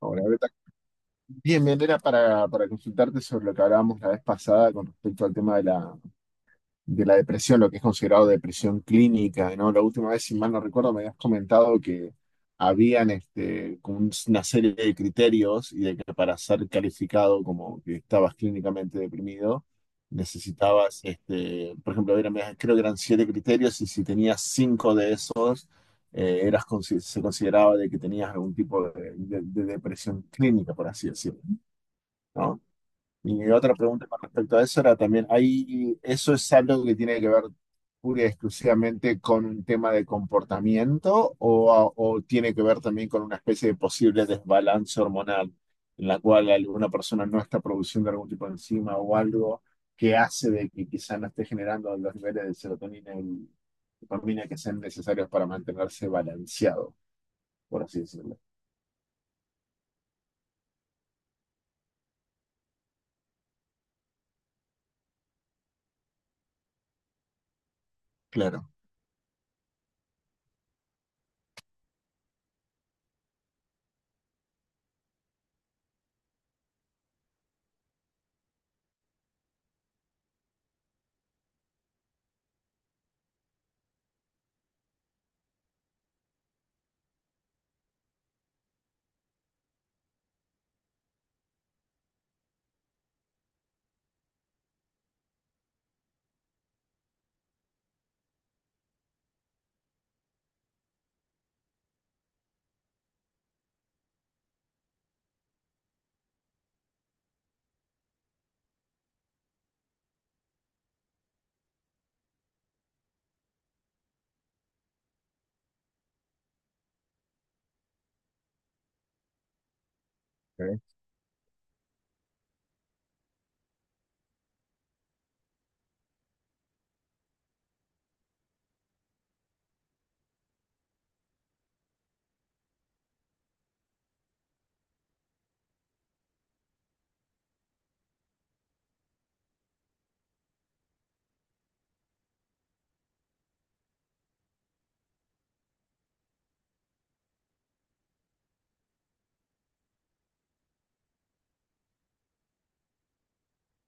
Ahora, Beta. Bien, bien, era para consultarte sobre lo que hablábamos la vez pasada con respecto al tema de de la depresión, lo que es considerado depresión clínica, ¿no? La última vez, si mal no recuerdo, me habías comentado que habían como una serie de criterios y de que para ser calificado como que estabas clínicamente deprimido, necesitabas, por ejemplo, creo que eran 7 criterios y si tenías 5 de esos, eras, se consideraba de que tenías algún tipo de, de depresión clínica, por así decirlo. ¿No? Y mi otra pregunta con respecto a eso era también, ¿hay, eso es algo que tiene que ver pura y exclusivamente con un tema de comportamiento o, o tiene que ver también con una especie de posible desbalance hormonal en la cual alguna persona no está produciendo algún tipo de enzima o algo que hace de que quizá no esté generando los niveles de serotonina y dopamina que sean necesarios para mantenerse balanceado, por así decirlo? Claro. Ok.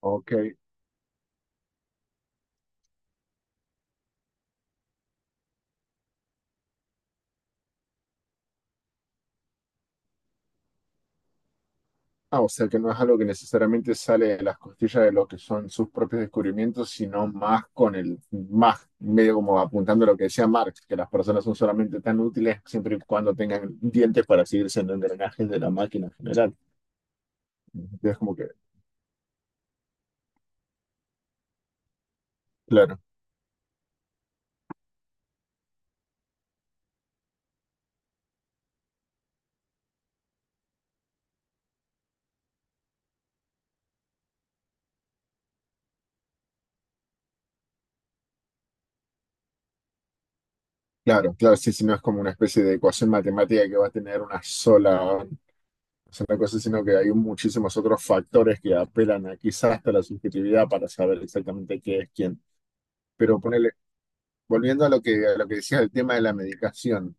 Ok. Ah, o sea que no es algo que necesariamente sale de las costillas de lo que son sus propios descubrimientos, sino más con medio como apuntando a lo que decía Marx, que las personas son solamente tan útiles siempre y cuando tengan dientes para seguir siendo engranajes de la máquina en general. Es como que, claro, claro, claro, sí, sí, no es como una especie de ecuación matemática que va a tener una sola cosa, sino que hay muchísimos otros factores que apelan a quizás hasta la subjetividad para saber exactamente qué es quién. Pero ponele. Volviendo a a lo que decías del tema de la medicación,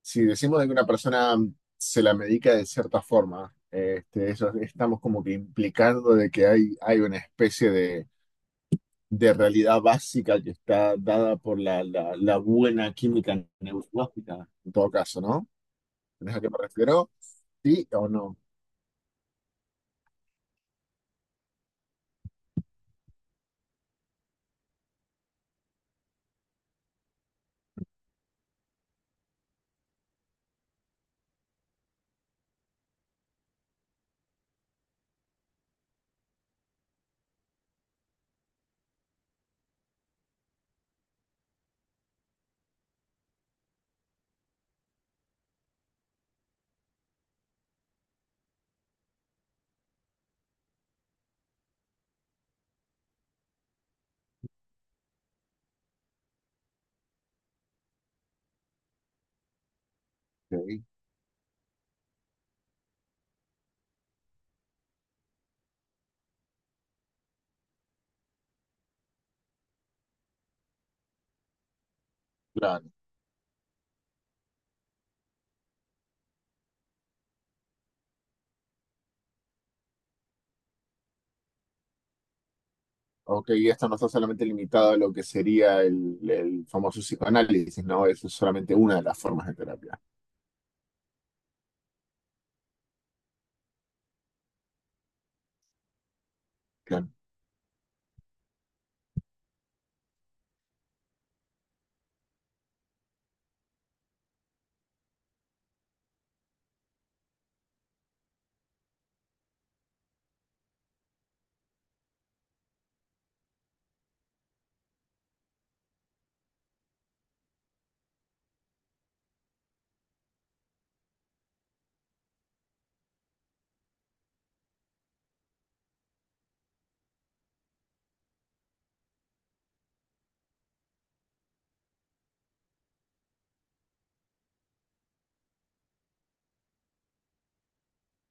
si decimos de que una persona se la medica de cierta forma, eso, estamos como que implicando de que hay una especie de realidad básica que está dada por la buena química neurológica, en todo caso, ¿no? ¿Tenés a qué me refiero? ¿Sí o no? Ok, claro. Ok, y esto no está solamente limitado a lo que sería el famoso psicoanálisis, ¿no? Eso es solamente una de las formas de terapia. Claro.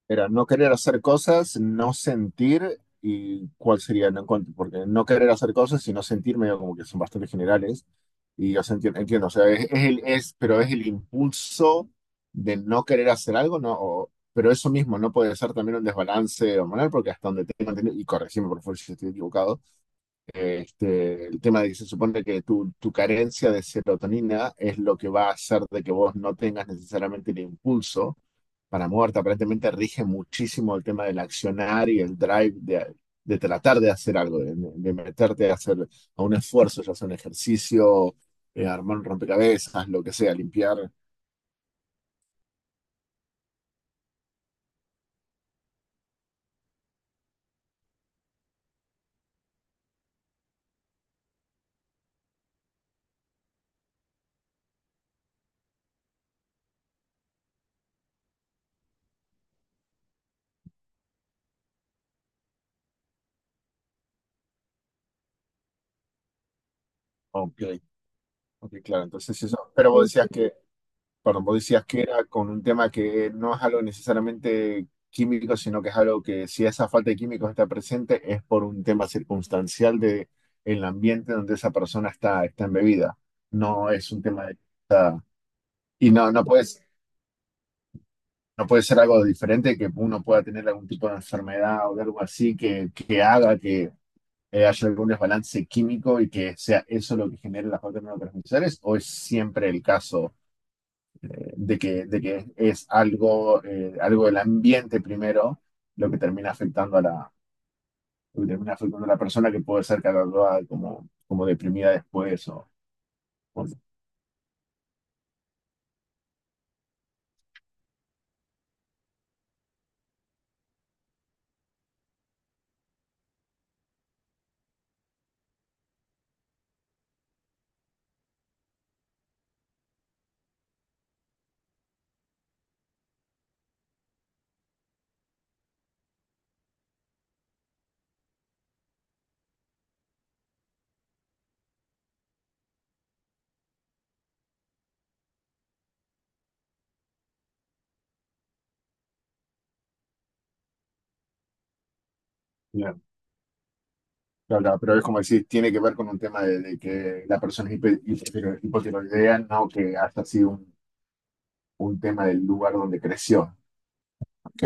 Era no querer hacer cosas, no sentir y cuál sería, no encuentro, porque no querer hacer cosas y no sentir medio como que son bastante generales. Y yo se entiendo, o sea, pero es el impulso de no querer hacer algo, ¿no? Pero eso mismo no puede ser también un desbalance hormonal, porque hasta donde tengo entendido, y corregime por favor si estoy equivocado, el tema de que se supone que tu carencia de serotonina es lo que va a hacer de que vos no tengas necesariamente el impulso para muerte, aparentemente rige muchísimo el tema del accionar y el drive de tratar de hacer algo, meterte a hacer a un esfuerzo, ya sea un ejercicio, armar un rompecabezas, lo que sea, limpiar. Ok, ok, claro, entonces eso. Perdón, vos decías que era con un tema que no es algo necesariamente químico, sino que es algo que si esa falta de químicos está presente es por un tema circunstancial de el ambiente donde esa persona está embebida. No es un tema de... Y no, no puedes no puede ser algo diferente que uno pueda tener algún tipo de enfermedad o de algo así que haga que haya algún desbalance químico y que sea eso lo que genere las otras neurotransmisores, o es siempre el caso de que es algo, algo del ambiente primero lo que termina afectando a lo que termina afectando a la persona que puede ser catalogada como, como deprimida después o- bien, claro, claro, pero es como decir, tiene que ver con un tema de que la persona es hipotiroidea, no que haya sido un tema del lugar donde creció. Ok,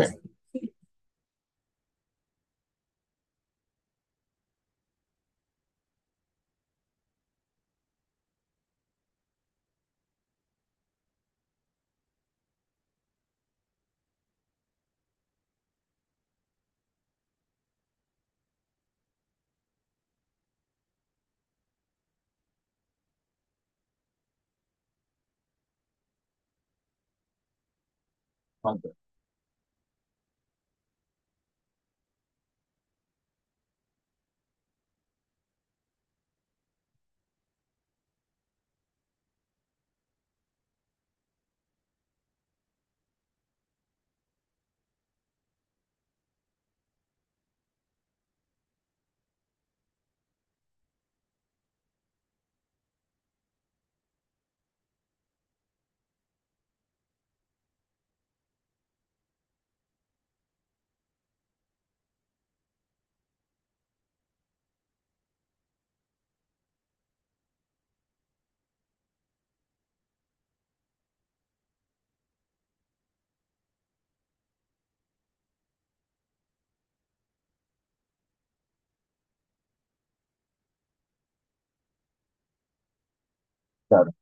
claro.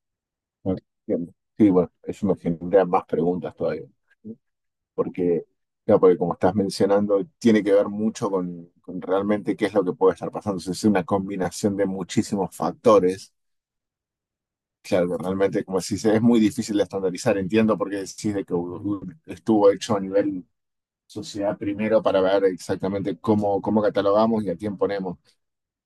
Entiendo. Sí, bueno, eso me genera más preguntas todavía. Porque, claro, porque como estás mencionando, tiene que ver mucho con realmente qué es lo que puede estar pasando. O sea, es una combinación de muchísimos factores. Claro, que realmente, como si es muy difícil de estandarizar. Entiendo por qué decís de que estuvo hecho a nivel sociedad primero para ver exactamente cómo, cómo catalogamos y a quién ponemos.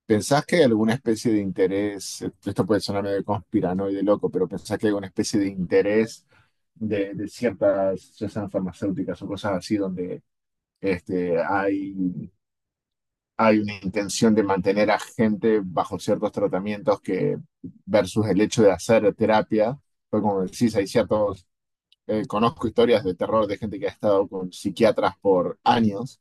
¿Pensás que hay alguna especie de interés, esto puede sonar medio conspiranoide loco, pero pensás que hay alguna especie de interés de ciertas, ya sean farmacéuticas o cosas así, donde este, hay, hay una intención de mantener a gente bajo ciertos tratamientos que versus el hecho de hacer terapia? Pues como decís, hay ciertos, conozco historias de terror de gente que ha estado con psiquiatras por años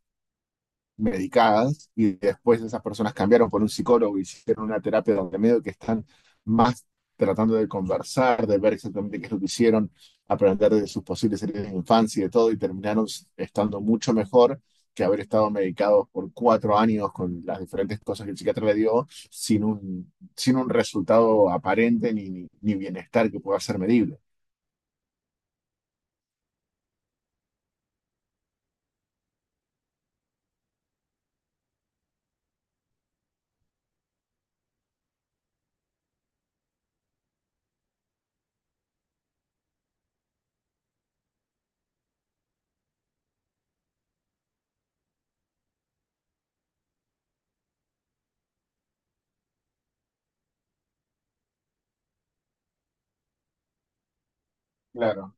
medicadas y después esas personas cambiaron por un psicólogo, hicieron una terapia donde medio que están más tratando de conversar, de ver exactamente qué es lo que hicieron, aprender de sus posibles heridas de infancia y de todo, y terminaron estando mucho mejor que haber estado medicados por 4 años con las diferentes cosas que el psiquiatra le dio sin sin un resultado aparente ni bienestar que pueda ser medible. Claro.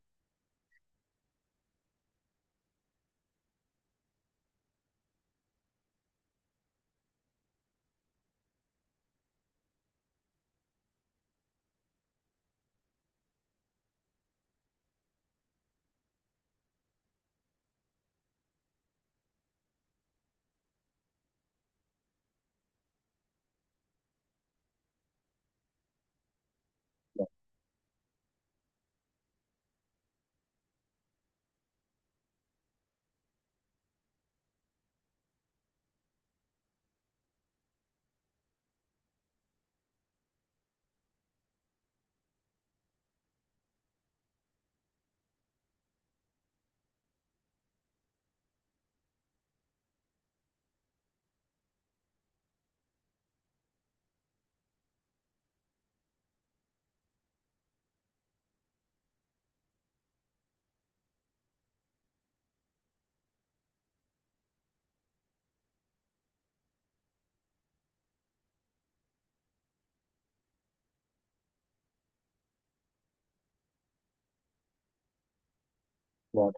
Claro.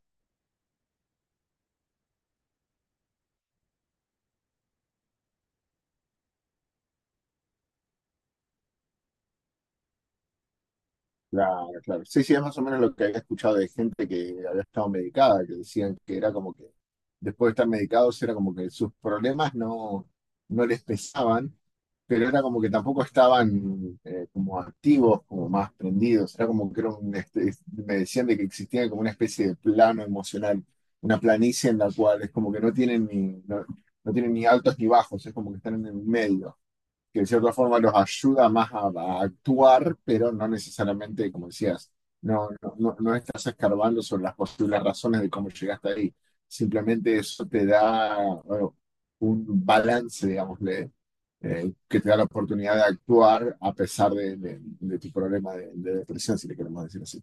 Claro, claro. Sí, sí, es más o menos lo que había escuchado de gente que había estado medicada, que decían que era como que después de estar medicados era como que sus problemas no, no les pesaban, pero era como que tampoco estaban como activos, como más prendidos, era como que era un, me decían de que existía como una especie de plano emocional, una planicie en la cual es como que no tienen ni, no, no tienen ni altos ni bajos, es como que están en el medio que de cierta forma los ayuda más a actuar, pero no necesariamente, como decías, no estás escarbando sobre las posibles razones de cómo llegaste ahí. Simplemente eso te da, bueno, un balance, digámosle que te da la oportunidad de actuar a pesar de, de tu problema de depresión, si le queremos decir así.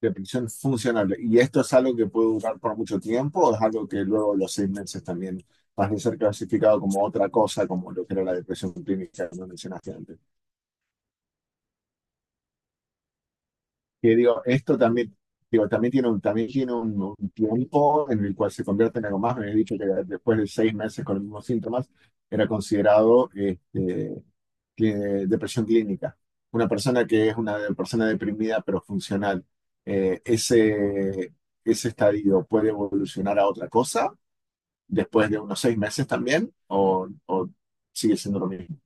Depresión funcional. ¿Y esto es algo que puede durar por mucho tiempo o es algo que luego los 6 meses también pasa a ser clasificado como otra cosa, como lo que era la depresión clínica que no mencionaste antes? Que digo, esto también, digo, también tiene un, también tiene un tiempo en el cual se convierte en algo más. Me habías dicho que después de 6 meses con los mismos síntomas era considerado cli- depresión clínica. Una persona que es una persona deprimida pero funcional. Eh, ese, ese estadio puede evolucionar a otra cosa después de unos 6 meses también o sigue siendo lo mismo.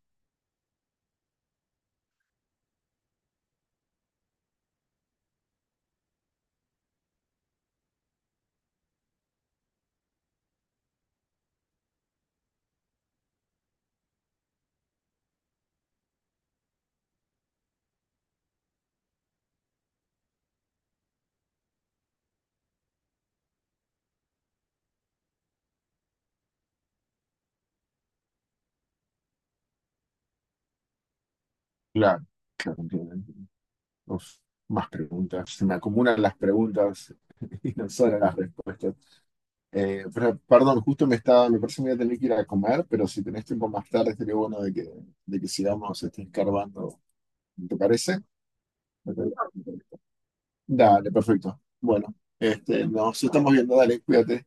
Claro, claro, entiendo. Uf, más preguntas. Se me acumulan las preguntas y no solo las respuestas. Pero, perdón, justo me estaba, me parece que voy a tener que ir a comer, pero si tenés tiempo más tarde, sería bueno de de que sigamos escarbando. ¿Te parece? Dale, perfecto. Bueno, nos estamos viendo, dale, cuídate.